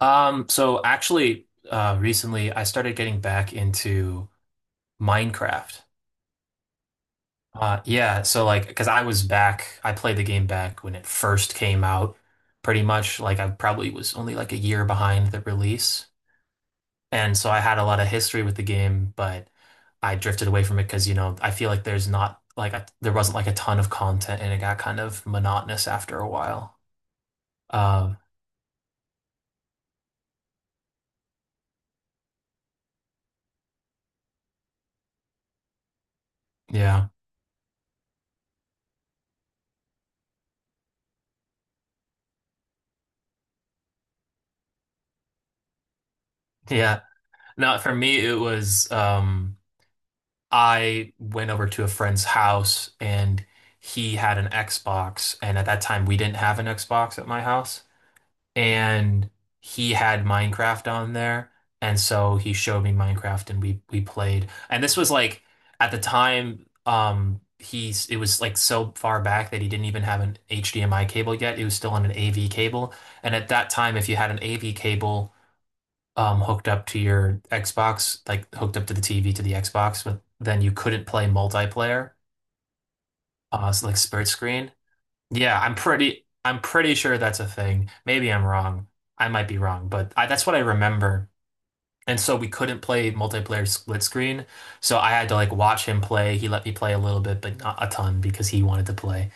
So actually, recently I started getting back into Minecraft. Yeah, so like, because I was back, I played the game back when it first came out, pretty much. Like, I probably was only like a year behind the release. And so I had a lot of history with the game, but I drifted away from it because, you know, I feel like there wasn't like a ton of content and it got kind of monotonous after a while. Um, yeah, yeah. No, for me, it was, I went over to a friend's house and he had an Xbox. And at that time, we didn't have an Xbox at my house. And he had Minecraft on there. And so he showed me Minecraft and we played. And this was like at the time, he's it was like so far back that he didn't even have an HDMI cable yet. It was still on an AV cable. And at that time, if you had an AV cable, hooked up to your Xbox, like hooked up to the TV to the Xbox, but then you couldn't play multiplayer, so like split screen. Yeah, I'm pretty sure that's a thing. Maybe I'm wrong. I might be wrong, but that's what I remember. And so we couldn't play multiplayer split screen, so I had to like watch him play. He let me play a little bit, but not a ton because he wanted to play.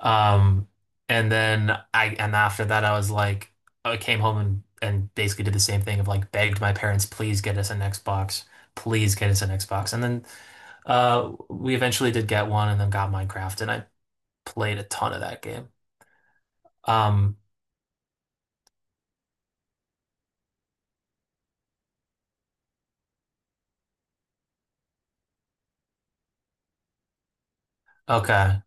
Um, and then I and after that I was like I came home and basically did the same thing of like begged my parents, please get us an Xbox, please get us an Xbox. And then we eventually did get one and then got Minecraft and I played a ton of that game. Um, okay.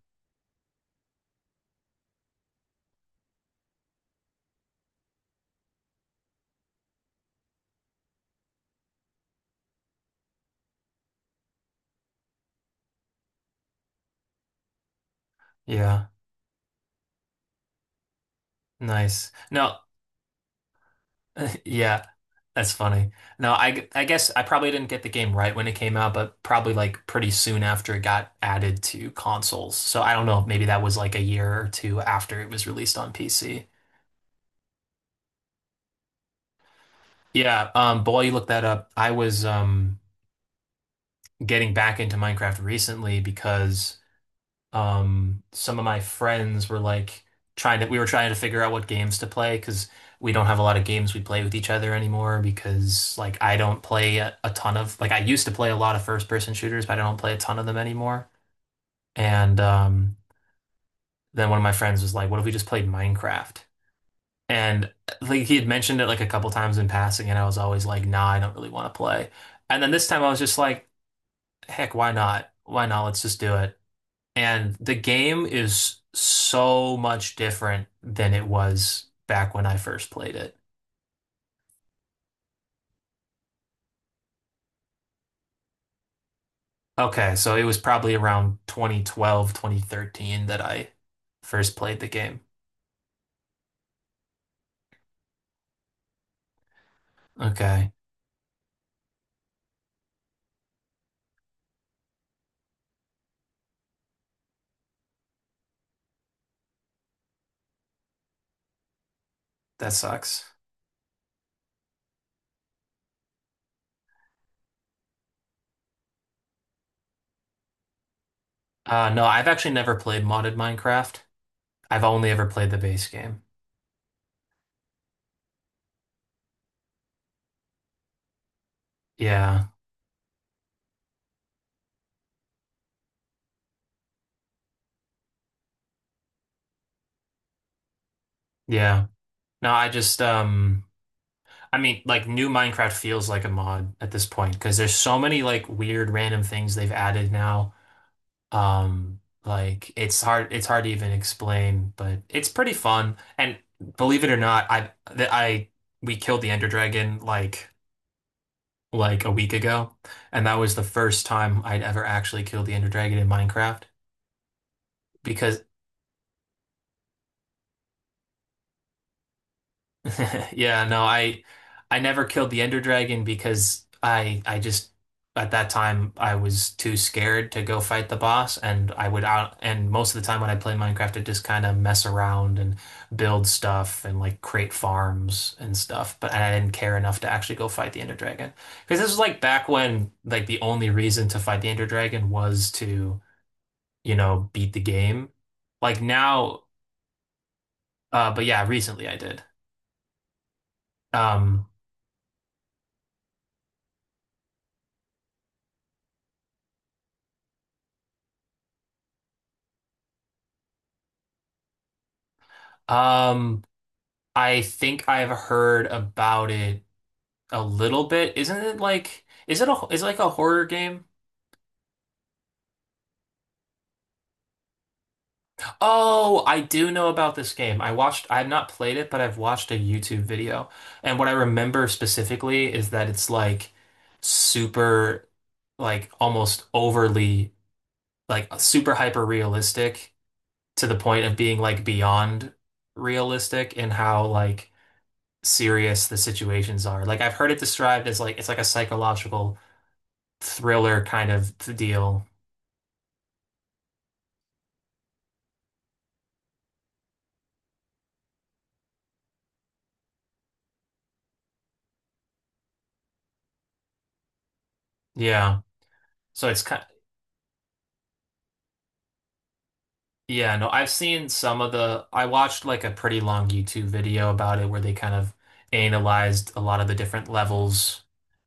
Yeah. Nice. Now, yeah, that's funny. No, I guess I probably didn't get the game right when it came out, but probably like pretty soon after it got added to consoles. So I don't know, if maybe that was like a year or two after it was released on PC. Yeah, but while you look that up, I was getting back into Minecraft recently because some of my friends were like trying to we were trying to figure out what games to play because we don't have a lot of games we play with each other anymore because like I don't play a ton of like I used to play a lot of first person shooters but I don't play a ton of them anymore and then one of my friends was like what if we just played Minecraft and like he had mentioned it like a couple times in passing and I was always like nah I don't really want to play and then this time I was just like heck why not let's just do it. And the game is so much different than it was back when I first played it. Okay, so it was probably around 2012, 2013 that I first played the game. Okay, that sucks. No, I've actually never played modded Minecraft. I've only ever played the base game. Yeah, yeah. No, I mean, like new Minecraft feels like a mod at this point because there's so many like weird random things they've added now. Like it's hard to even explain, but it's pretty fun. And believe it or not, I that I we killed the Ender Dragon like a week ago, and that was the first time I'd ever actually killed the Ender Dragon in Minecraft because yeah, no, I never killed the Ender Dragon because I just at that time I was too scared to go fight the boss and I would out and most of the time when I play Minecraft I just kind of mess around and build stuff and like create farms and stuff but I didn't care enough to actually go fight the Ender Dragon because this was like back when like the only reason to fight the Ender Dragon was to you know beat the game like now but yeah recently I did. um um I think I've heard about it a little bit. Isn't it like is it like a horror game? Oh, I do know about this game. I've not played it, but I've watched a YouTube video. And what I remember specifically is that it's like super like almost overly like super hyper realistic to the point of being like beyond realistic in how like serious the situations are. Like I've heard it described as like it's like a psychological thriller kind of deal. Yeah. So it's kind yeah, no, I've seen some of the I watched like a pretty long YouTube video about it where they kind of analyzed a lot of the different levels.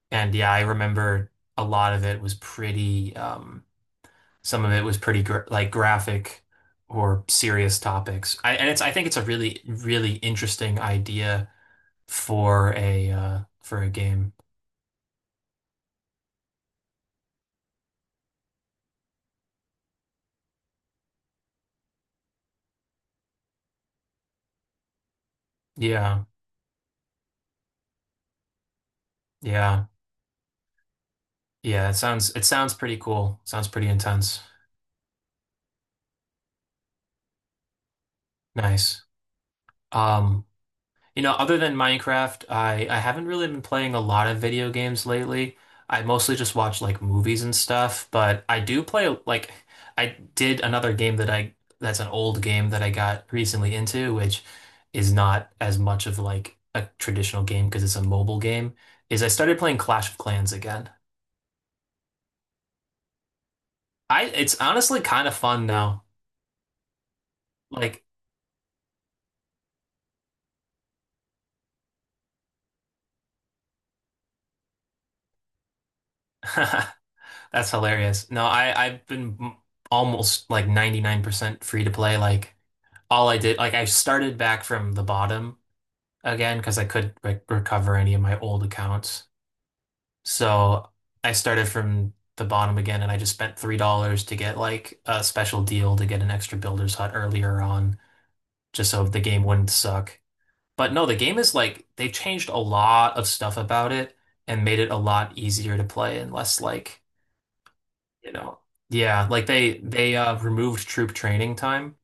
And yeah, I remember a lot of it was pretty some of it was pretty gr like graphic or serious topics. I think it's a really really interesting idea for a game. Yeah. Yeah. Yeah, it sounds pretty cool. Sounds pretty intense. Nice. Um, you know, other than Minecraft, I haven't really been playing a lot of video games lately. I mostly just watch like movies and stuff, but I do play like I did another game that I that's an old game that I got recently into, which is not as much of like a traditional game because it's a mobile game, is I started playing Clash of Clans again. I it's honestly kind of fun now. Like that's hilarious. No, I I've been m- almost like 99% free to play. Like all I did, like I started back from the bottom again because I couldn't re recover any of my old accounts. So I started from the bottom again and I just spent $3 to get like a special deal to get an extra builder's hut earlier on just so the game wouldn't suck. But no, the game is like they've changed a lot of stuff about it and made it a lot easier to play and less like you know. Yeah, like they removed troop training time.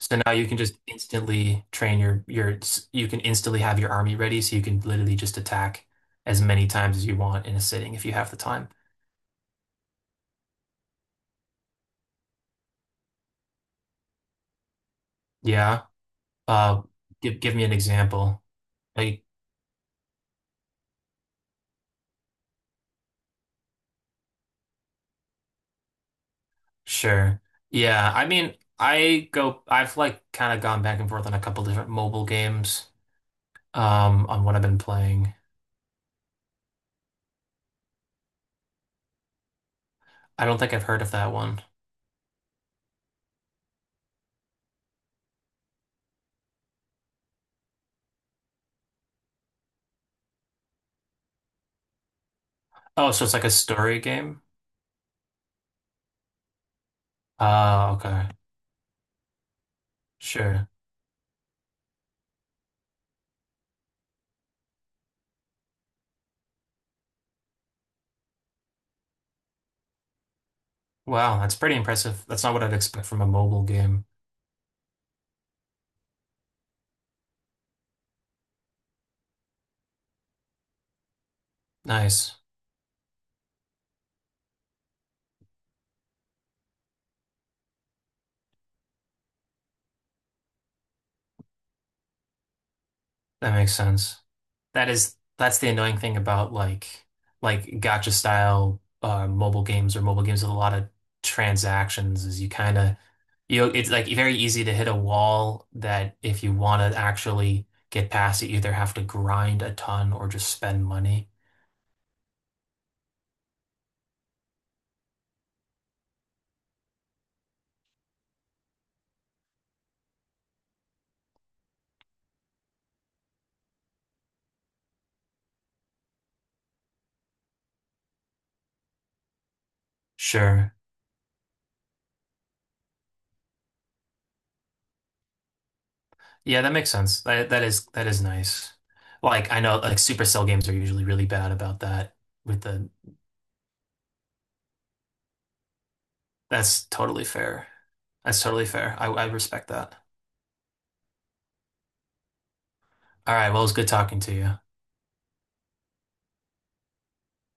So now you can just instantly train your you can instantly have your army ready so you can literally just attack as many times as you want in a sitting if you have the time. Yeah. Uh Give give me an example. Like sure. Yeah, I mean, I've like kind of gone back and forth on a couple different mobile games on what I've been playing. I don't think I've heard of that one. Oh, so it's like a story game? Oh, okay. Sure. Wow, that's pretty impressive. That's not what I'd expect from a mobile game. Nice. That makes sense. That's the annoying thing about like gacha style mobile games or mobile games with a lot of transactions is you kind of you know, it's like very easy to hit a wall that if you want to actually get past, you either have to grind a ton or just spend money. Sure. Yeah, that makes sense. That is nice. Like I know like Supercell games are usually really bad about that with the that's totally fair. That's totally fair. I respect that. All right. Well, it was good talking to you.